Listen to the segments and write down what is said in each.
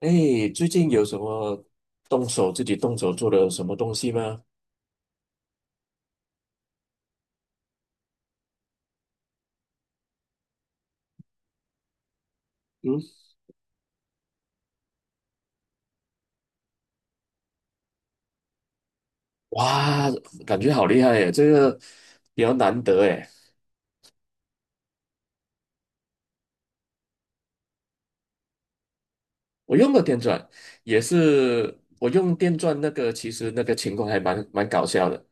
哎，最近有什么自己动手做的什么东西吗？嗯，哇，感觉好厉害耶！这个比较难得哎。我用过电钻也是，我用电钻那个，其实那个情况还蛮搞笑的。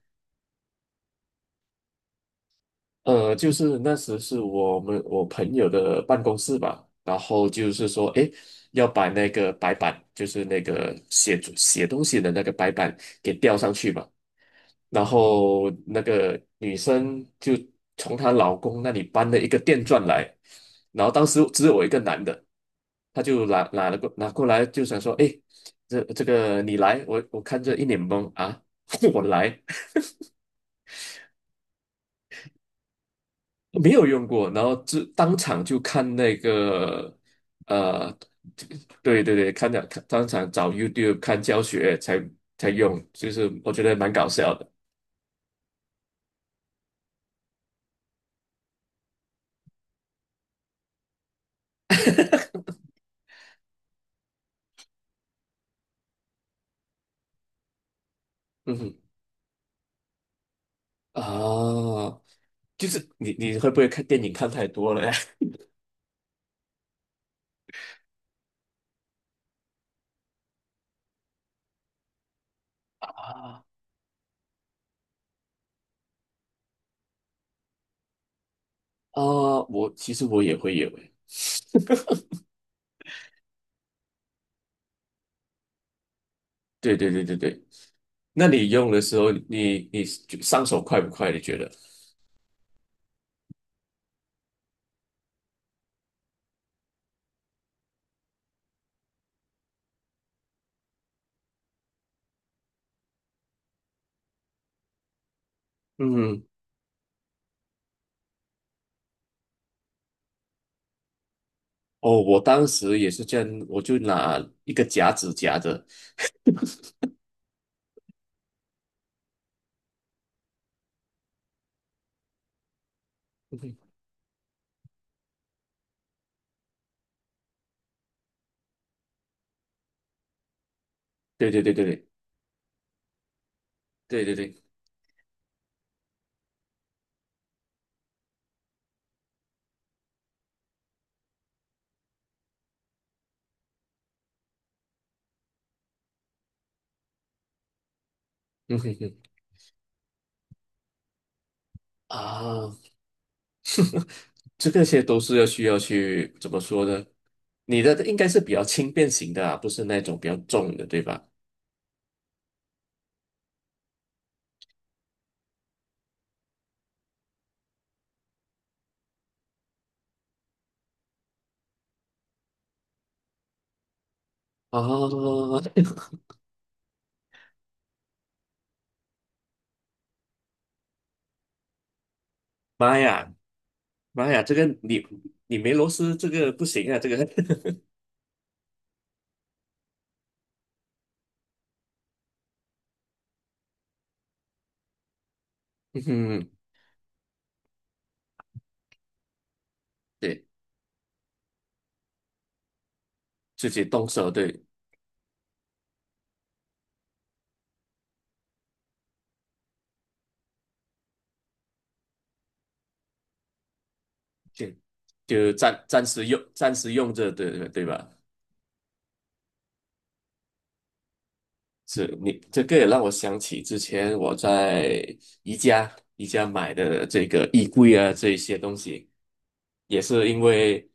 就是那时是我朋友的办公室吧，然后就是说，哎，要把那个白板，就是那个写写东西的那个白板给吊上去嘛。然后那个女生就从她老公那里搬了一个电钻来，然后当时只有我一个男的，他就拿过来，就想说，哎，这个你来，我看着一脸懵啊，我来没有用过，然后就当场就看那个呃，对对对，看了看当场找 YouTube 看教学才用，就是我觉得蛮搞笑的，嗯哼啊，就是你会不会看电影看太多了呀？啊，啊，其实我也会有诶。对对对对对，那你用的时候，你就上手快不快？你觉得？嗯，哦，我当时也是这样，我就拿一个夹子夹着。嗯哼对对对对对对对对，嗯哼哼啊，这个些都是需要去怎么说呢？你的应该是比较轻便型的啊，不是那种比较重的，对吧？啊，妈呀！妈呀，这个你没螺丝，这个不行啊，这个，嗯，对，自己动手，对，就就暂时用，暂时用着，对对对吧？是你这个也让我想起之前我在宜家买的这个衣柜啊，这一些东西，也是因为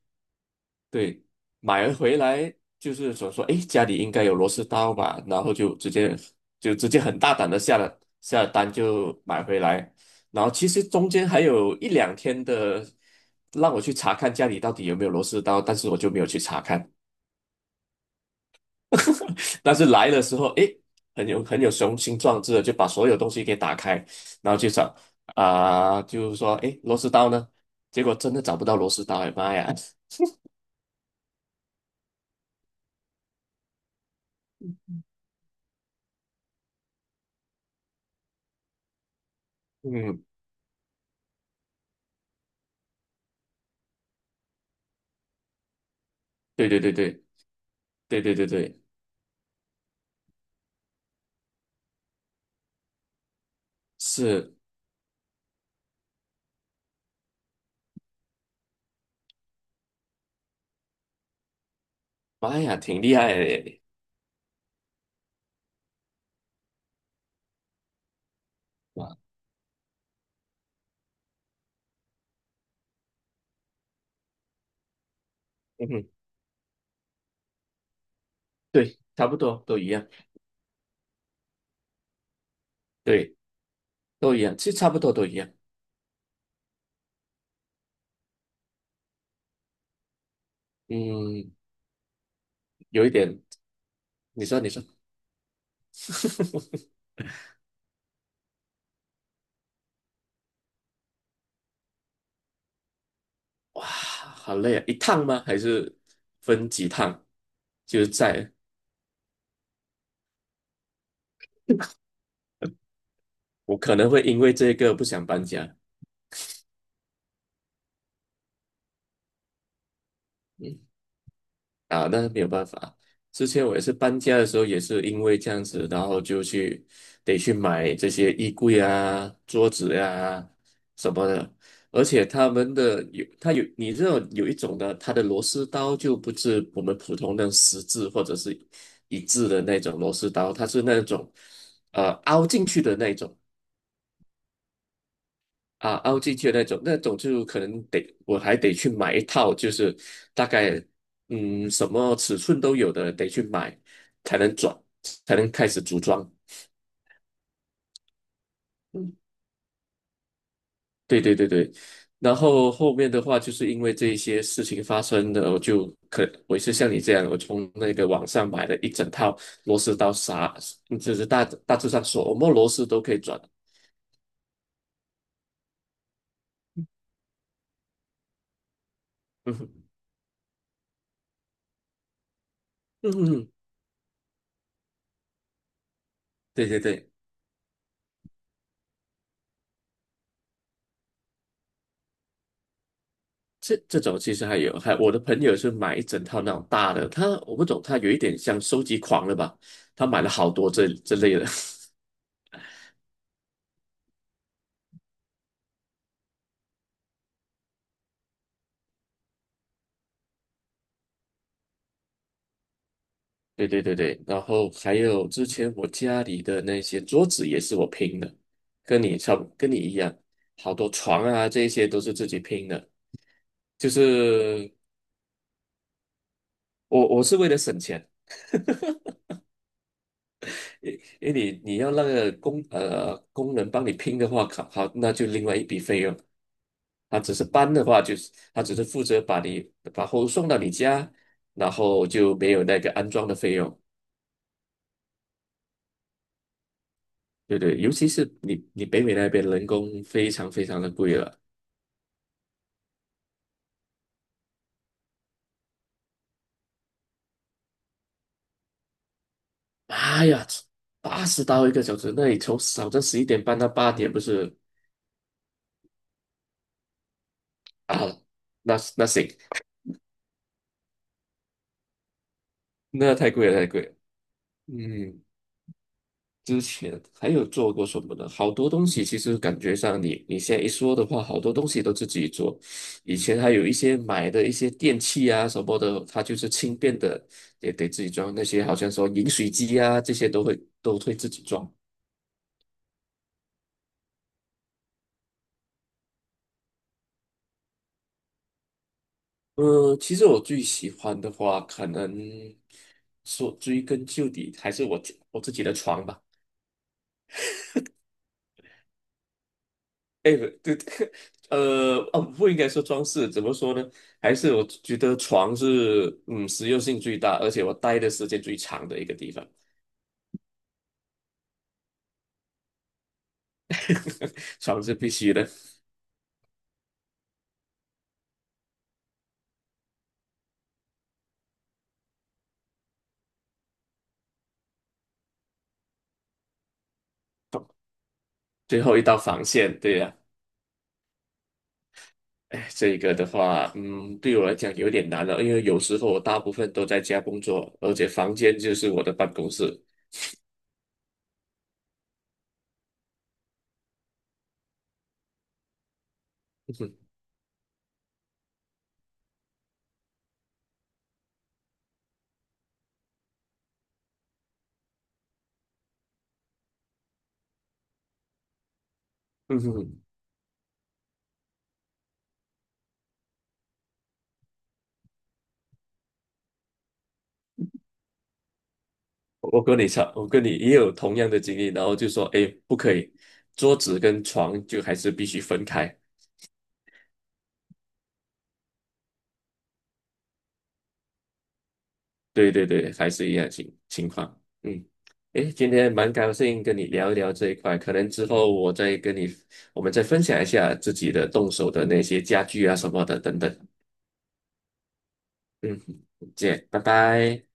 对，买了回来就是想说，哎，家里应该有螺丝刀吧，然后就直接很大胆的下了单就买回来，然后其实中间还有一两天的让我去查看家里到底有没有螺丝刀，但是我就没有去查看，但是来的时候，哎，很有雄心壮志的就把所有东西给打开，然后去找啊、就是说，哎，螺丝刀呢？结果真的找不到螺丝刀，哎妈呀！嗯，对对对对对对对对，是。妈呀，挺厉害的耶哇，嗯哼，对，差不多都一样，对，都一样，其实差不多都一样。嗯，有一点，你说，你说，哇，好累啊！一趟吗？还是分几趟？就是在，我可能会因为这个不想搬家。嗯啊，那没有办法。之前我也是搬家的时候，也是因为这样子，然后得去买这些衣柜啊、桌子呀、什么的。而且他们的有，它有，你知道有一种的，它的螺丝刀就不是我们普通的十字或者是一字的那种螺丝刀，它是那种凹进去的那种。啊，凹进去的那种，那种就可能得我还得去买一套，就是大概什么尺寸都有的，得去买才能转，才能开始组装。嗯，对对对对。然后后面的话，就是因为这一些事情发生的，我就可我也是像你这样，我从那个网上买了一整套螺丝刀啥，就是大致上什么螺丝都可以转。嗯哼嗯哼，对对对。这种其实还有，还我的朋友是买一整套那种大的，我不懂，他有一点像收集狂了吧？他买了好多这类的，对对对对。然后还有之前我家里的那些桌子也是我拼的，跟你差不跟你一样，好多床啊这些都是自己拼的，就是我是为了省钱，因因为你要那个工人帮你拼的话，好，好那就另外一笔费用。他只是搬的话，就是他只是负责把货物送到你家，然后就没有那个安装的费用。对对，尤其是你北美那边人工非常非常的贵了。妈呀，80刀一个小时，那你从早上11点半到8点不是啊？那行，那太贵了，太贵了。嗯。之前还有做过什么呢？好多东西其实感觉上你现在一说的话，好多东西都自己做。以前还有一些买的一些电器啊什么的，它就是轻便的，也得自己装。那些好像说饮水机啊，这些都会自己装。其实我最喜欢的话，可能说追根究底还是我自己的床吧。哎，不对，哦，不应该说装饰，怎么说呢？还是我觉得床是，实用性最大，而且我待的时间最长的一个地方，床是必须的，最后一道防线，对呀、哎，这个的话，对我来讲有点难了，因为有时候我大部分都在家工作，而且房间就是我的办公室。嗯嗯哼，我跟你也有同样的经历，然后就说，哎，不可以，桌子跟床就还是必须分开。对对对，还是一样情况。嗯，诶，今天蛮高兴跟你聊一聊这一块，可能之后我再跟你，我们再分享一下自己的动手的那些家具啊什么的等等。嗯，再见，拜拜。